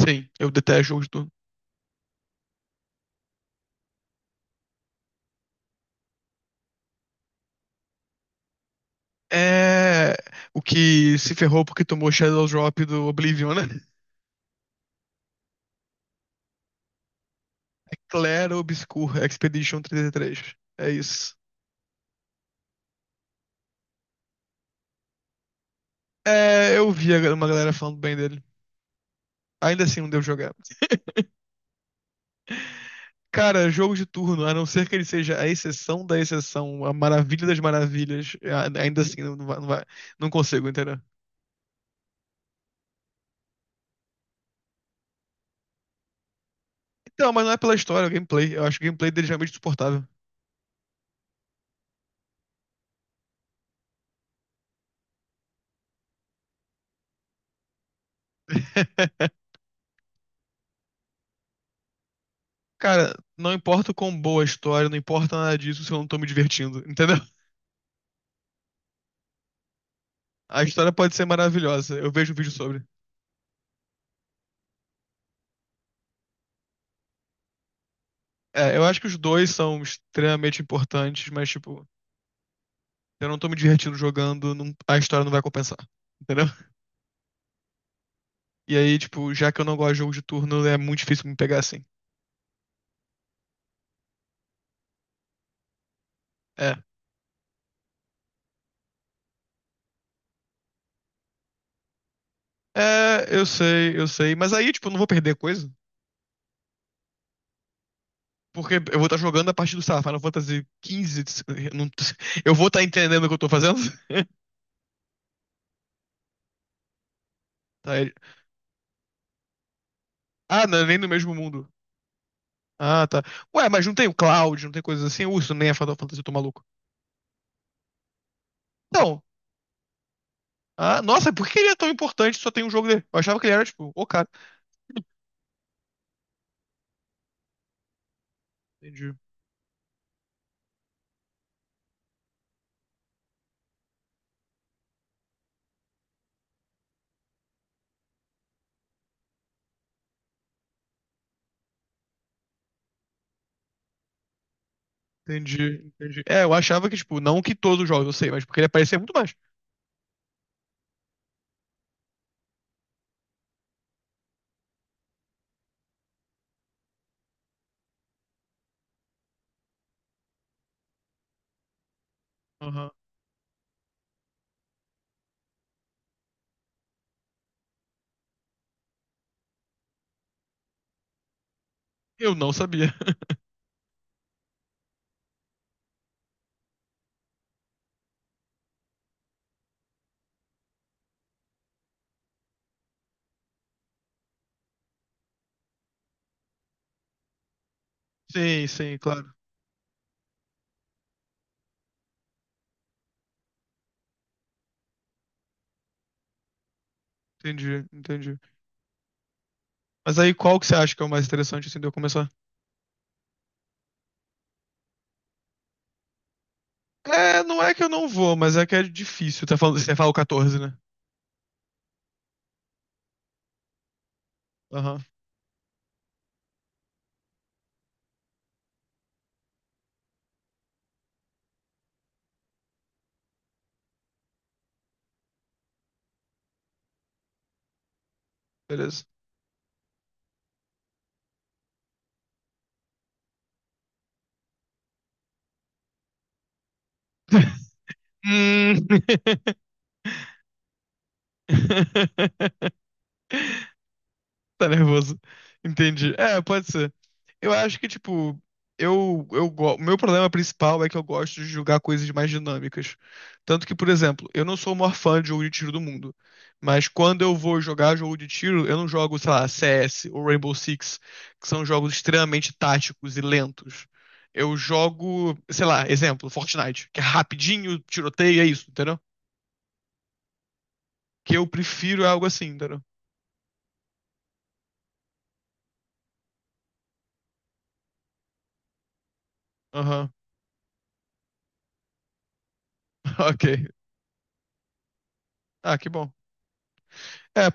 Sim, eu detesto jogos de turno. É o que se ferrou porque tomou Shadow Drop do Oblivion, né? É Clair Obscur Expedition 33. É isso. É, eu vi uma galera falando bem dele. Ainda assim não deu jogar. Cara, jogo de turno, a não ser que ele seja a exceção da exceção, a maravilha das maravilhas, ainda assim não, não vai, não consigo, entendeu? Então, mas não é pela história, é o gameplay. Eu acho o gameplay dele realmente suportável. Cara, não importa o quão boa a história, não importa nada disso se eu não tô me divertindo, entendeu? A história pode ser maravilhosa, eu vejo um vídeo sobre. É, eu acho que os dois são extremamente importantes, mas, tipo, eu não tô me divertindo jogando, a história não vai compensar, entendeu? E aí, tipo, já que eu não gosto de jogo de turno, é muito difícil me pegar assim. É. É, eu sei, mas aí, tipo, eu não vou perder coisa. Porque eu vou estar jogando a partir do, sei lá, Final Fantasy XV. De- eu não- Eu vou estar entendendo o que eu tô fazendo? Tá. Ah, não, é nem no mesmo mundo. Ah, tá. Ué, mas não tem o Cloud, não tem coisas assim? Isso nem é Final Fantasy, eu tô maluco. Não. Ah, nossa, por que ele é tão importante se só tem um jogo dele? Eu achava que ele era, tipo, o cara. Entendi, entendi, entendi. É, eu achava que, tipo, não que todos os jogos, eu sei, mas porque ele aparecia muito mais. Aham. Eu não sabia. Sim, sim, claro. Entendi, entendi. Mas aí qual que você acha que é o mais interessante, assim, de eu começar? É, não é que eu não vou, mas é que é difícil. Tá falando, você fala o 14, né? Aham, beleza. Hum. Tá nervoso. Entendi. É, pode ser. Eu acho que, tipo, o meu problema principal é que eu gosto de jogar coisas mais dinâmicas. Tanto que, por exemplo, eu não sou o maior fã de jogo de tiro do mundo. Mas quando eu vou jogar jogo de tiro, eu não jogo, sei lá, CS ou Rainbow Six, que são jogos extremamente táticos e lentos. Eu jogo, sei lá, exemplo, Fortnite, que é rapidinho, tiroteio, é isso, entendeu? Que eu prefiro algo assim, entendeu? Aham, ok. Ah, que bom. É,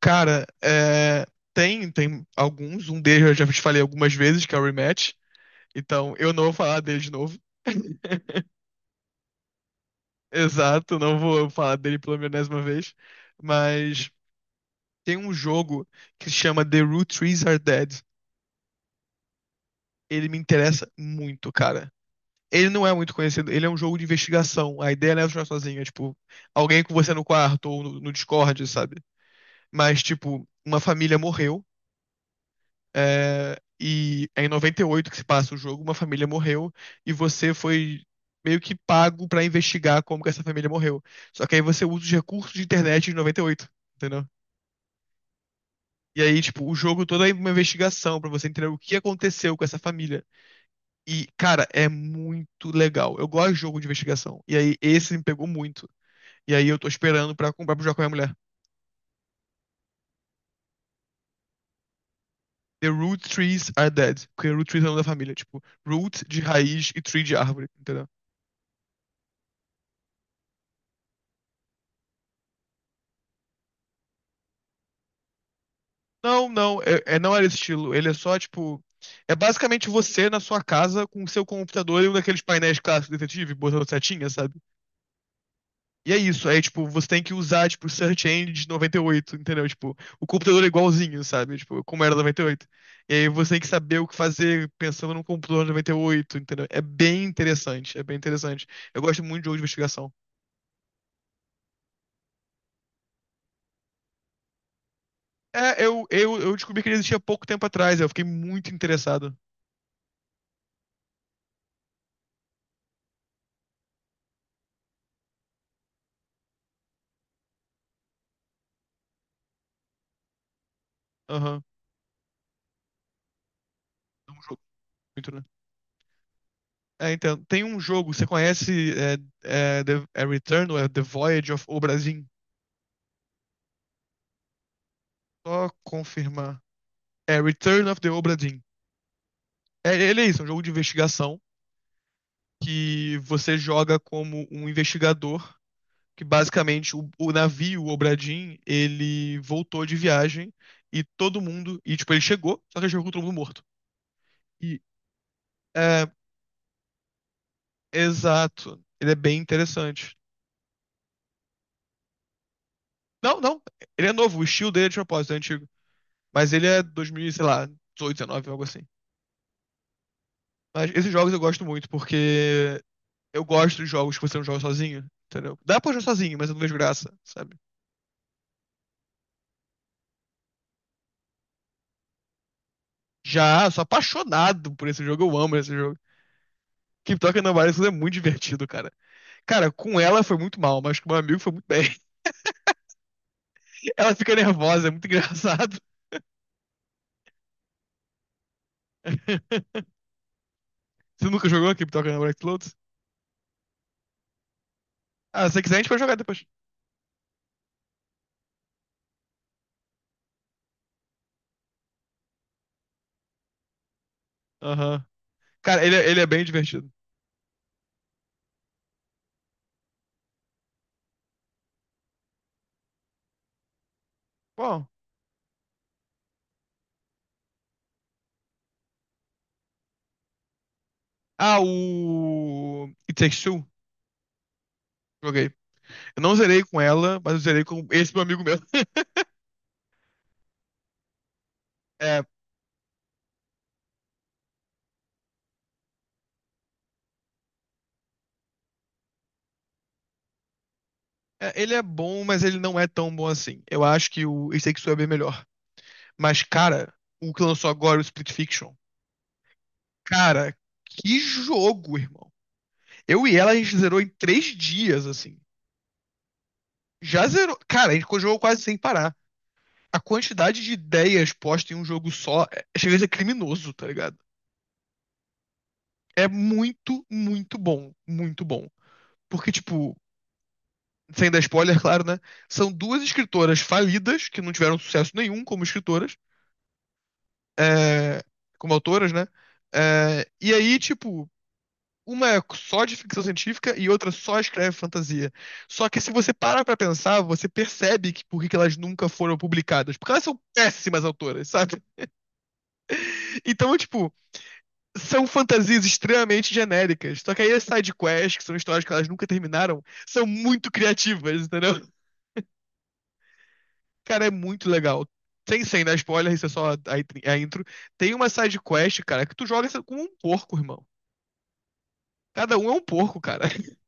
cara, tem alguns. Um deles eu já te falei algumas vezes, que é o Rematch. Então, eu não vou falar dele de novo. Exato, não vou falar dele pela milésima vez. Mas tem um jogo que se chama The Root Trees Are Dead. Ele me interessa muito, cara. Ele não é muito conhecido, ele é um jogo de investigação. A ideia não é jogar sozinha, tipo, alguém com você no quarto ou no Discord, sabe? Mas, tipo, uma família morreu. É, e é em 98 que se passa o jogo, uma família morreu e você foi meio que pago pra investigar como que essa família morreu. Só que aí você usa os recursos de internet de 98, entendeu? E aí, tipo, o jogo todo é uma investigação pra você entender o que aconteceu com essa família. E, cara, é muito legal. Eu gosto de jogo de investigação. E aí, esse me pegou muito. E aí, eu tô esperando pra comprar pro jogo com a minha mulher. The Root Trees Are Dead. Porque root trees é o nome da família. Tipo, root de raiz e tree de árvore, entendeu? Não, não, não era esse estilo. Ele é só, tipo. É basicamente você na sua casa com o seu computador e um daqueles painéis clássicos do detetive, botando setinha, sabe? E é isso. Aí, tipo, você tem que usar, tipo, Search Engine de 98, entendeu? Tipo, o computador é igualzinho, sabe? Tipo, como era 98. E oito. E aí você tem que saber o que fazer pensando num computador de 98, entendeu? É bem interessante, é bem interessante. Eu gosto muito de jogo de investigação. É, eu descobri que ele existia pouco tempo atrás, eu fiquei muito interessado. Aham. É um jogo muito, né? É, então, tem um jogo, você conhece The Return ou é The Voyage of Obra Dinn? Só confirmar. É Return of the Obra Dinn. É, ele é isso, é um jogo de investigação que você joga como um investigador, que basicamente o navio, o Obra Dinn, ele voltou de viagem e todo mundo, e tipo, ele chegou, só que ele chegou com todo mundo morto. E, é, exato, ele é bem interessante. Não, não, ele é novo, o estilo dele é de propósito, é antigo. Mas ele é 2000, sei lá, 18, 19, algo assim. Mas esses jogos eu gosto muito, porque eu gosto de jogos que você não joga sozinho, entendeu? Dá pra jogar sozinho, mas eu não vejo graça, sabe? Já, eu sou apaixonado por esse jogo, eu amo esse jogo. Keep Talking Nobody Knows é muito divertido, cara. Cara, com ela foi muito mal, mas com meu amigo foi muito bem. Ela fica nervosa, é muito engraçado. Você nunca jogou Keep Talking Nobody Knows? Ah, se você quiser a gente vai jogar depois. Aham. Cara, ele é bem divertido. Bom. Ah, o It Takes Two. Joguei. Eu não zerei com ela, mas eu zerei com esse meu amigo meu. É, é, ele é bom, mas ele não é tão bom assim. Eu acho que o It Takes Two é bem melhor. Mas, cara, o que lançou agora, o Split Fiction. Cara, que jogo, irmão. Eu e ela, a gente zerou em 3 dias, assim. Já zerou. Cara, a gente jogou quase sem parar. A quantidade de ideias postas em um jogo só chega a ser criminoso, tá ligado? É muito, muito bom. Muito bom. Porque, tipo, sem dar spoiler, claro, né? São duas escritoras falidas, que não tiveram sucesso nenhum como escritoras, é, como autoras, né? É, e aí, tipo, uma é só de ficção científica e outra só escreve fantasia. Só que se você para pra pensar, você percebe que por que que elas nunca foram publicadas. Porque elas são péssimas autoras, sabe? Então, tipo, são fantasias extremamente genéricas. Só que aí as side quests, que são histórias que elas nunca terminaram, são muito criativas, entendeu? Cara, é muito legal. Sem dar spoiler, isso é só a intro. Tem uma side quest, cara, que tu joga com um porco, irmão. Cada um é um porco, cara.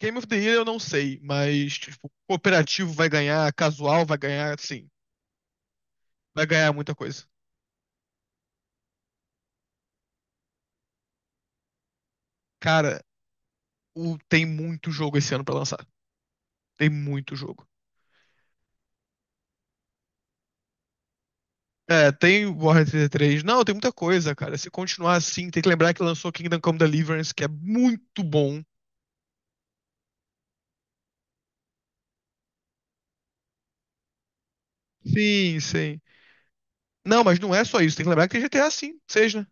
Game of the Year eu não sei, mas, tipo, cooperativo vai ganhar, casual vai ganhar, sim. Vai ganhar muita coisa. Cara, tem muito jogo esse ano pra lançar. Tem muito jogo. É, tem Warhammer 33. Não, tem muita coisa, cara. Se continuar assim, tem que lembrar que lançou Kingdom Come Deliverance, que é muito bom. Sim, sim. Não, mas não é só isso. Tem que lembrar que tem GTA V, seja.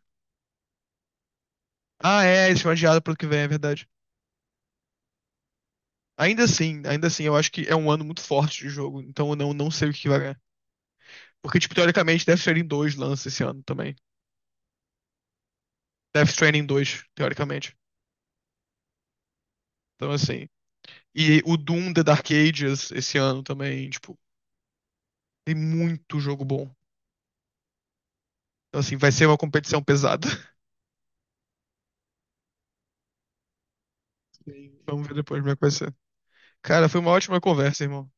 Ah, é, eles foi adiado pro ano que vem, é verdade. Ainda assim, eu acho que é um ano muito forte de jogo, então eu não sei o que vai ganhar. Porque, tipo, teoricamente, Death Stranding 2 lança esse ano também. Death Stranding dois teoricamente. Então, assim. E o Doom The Dark Ages esse ano também, tipo, tem muito jogo bom. Então, assim, vai ser uma competição pesada. Sim. Vamos ver depois como é que vai ser. Cara, foi uma ótima conversa, irmão.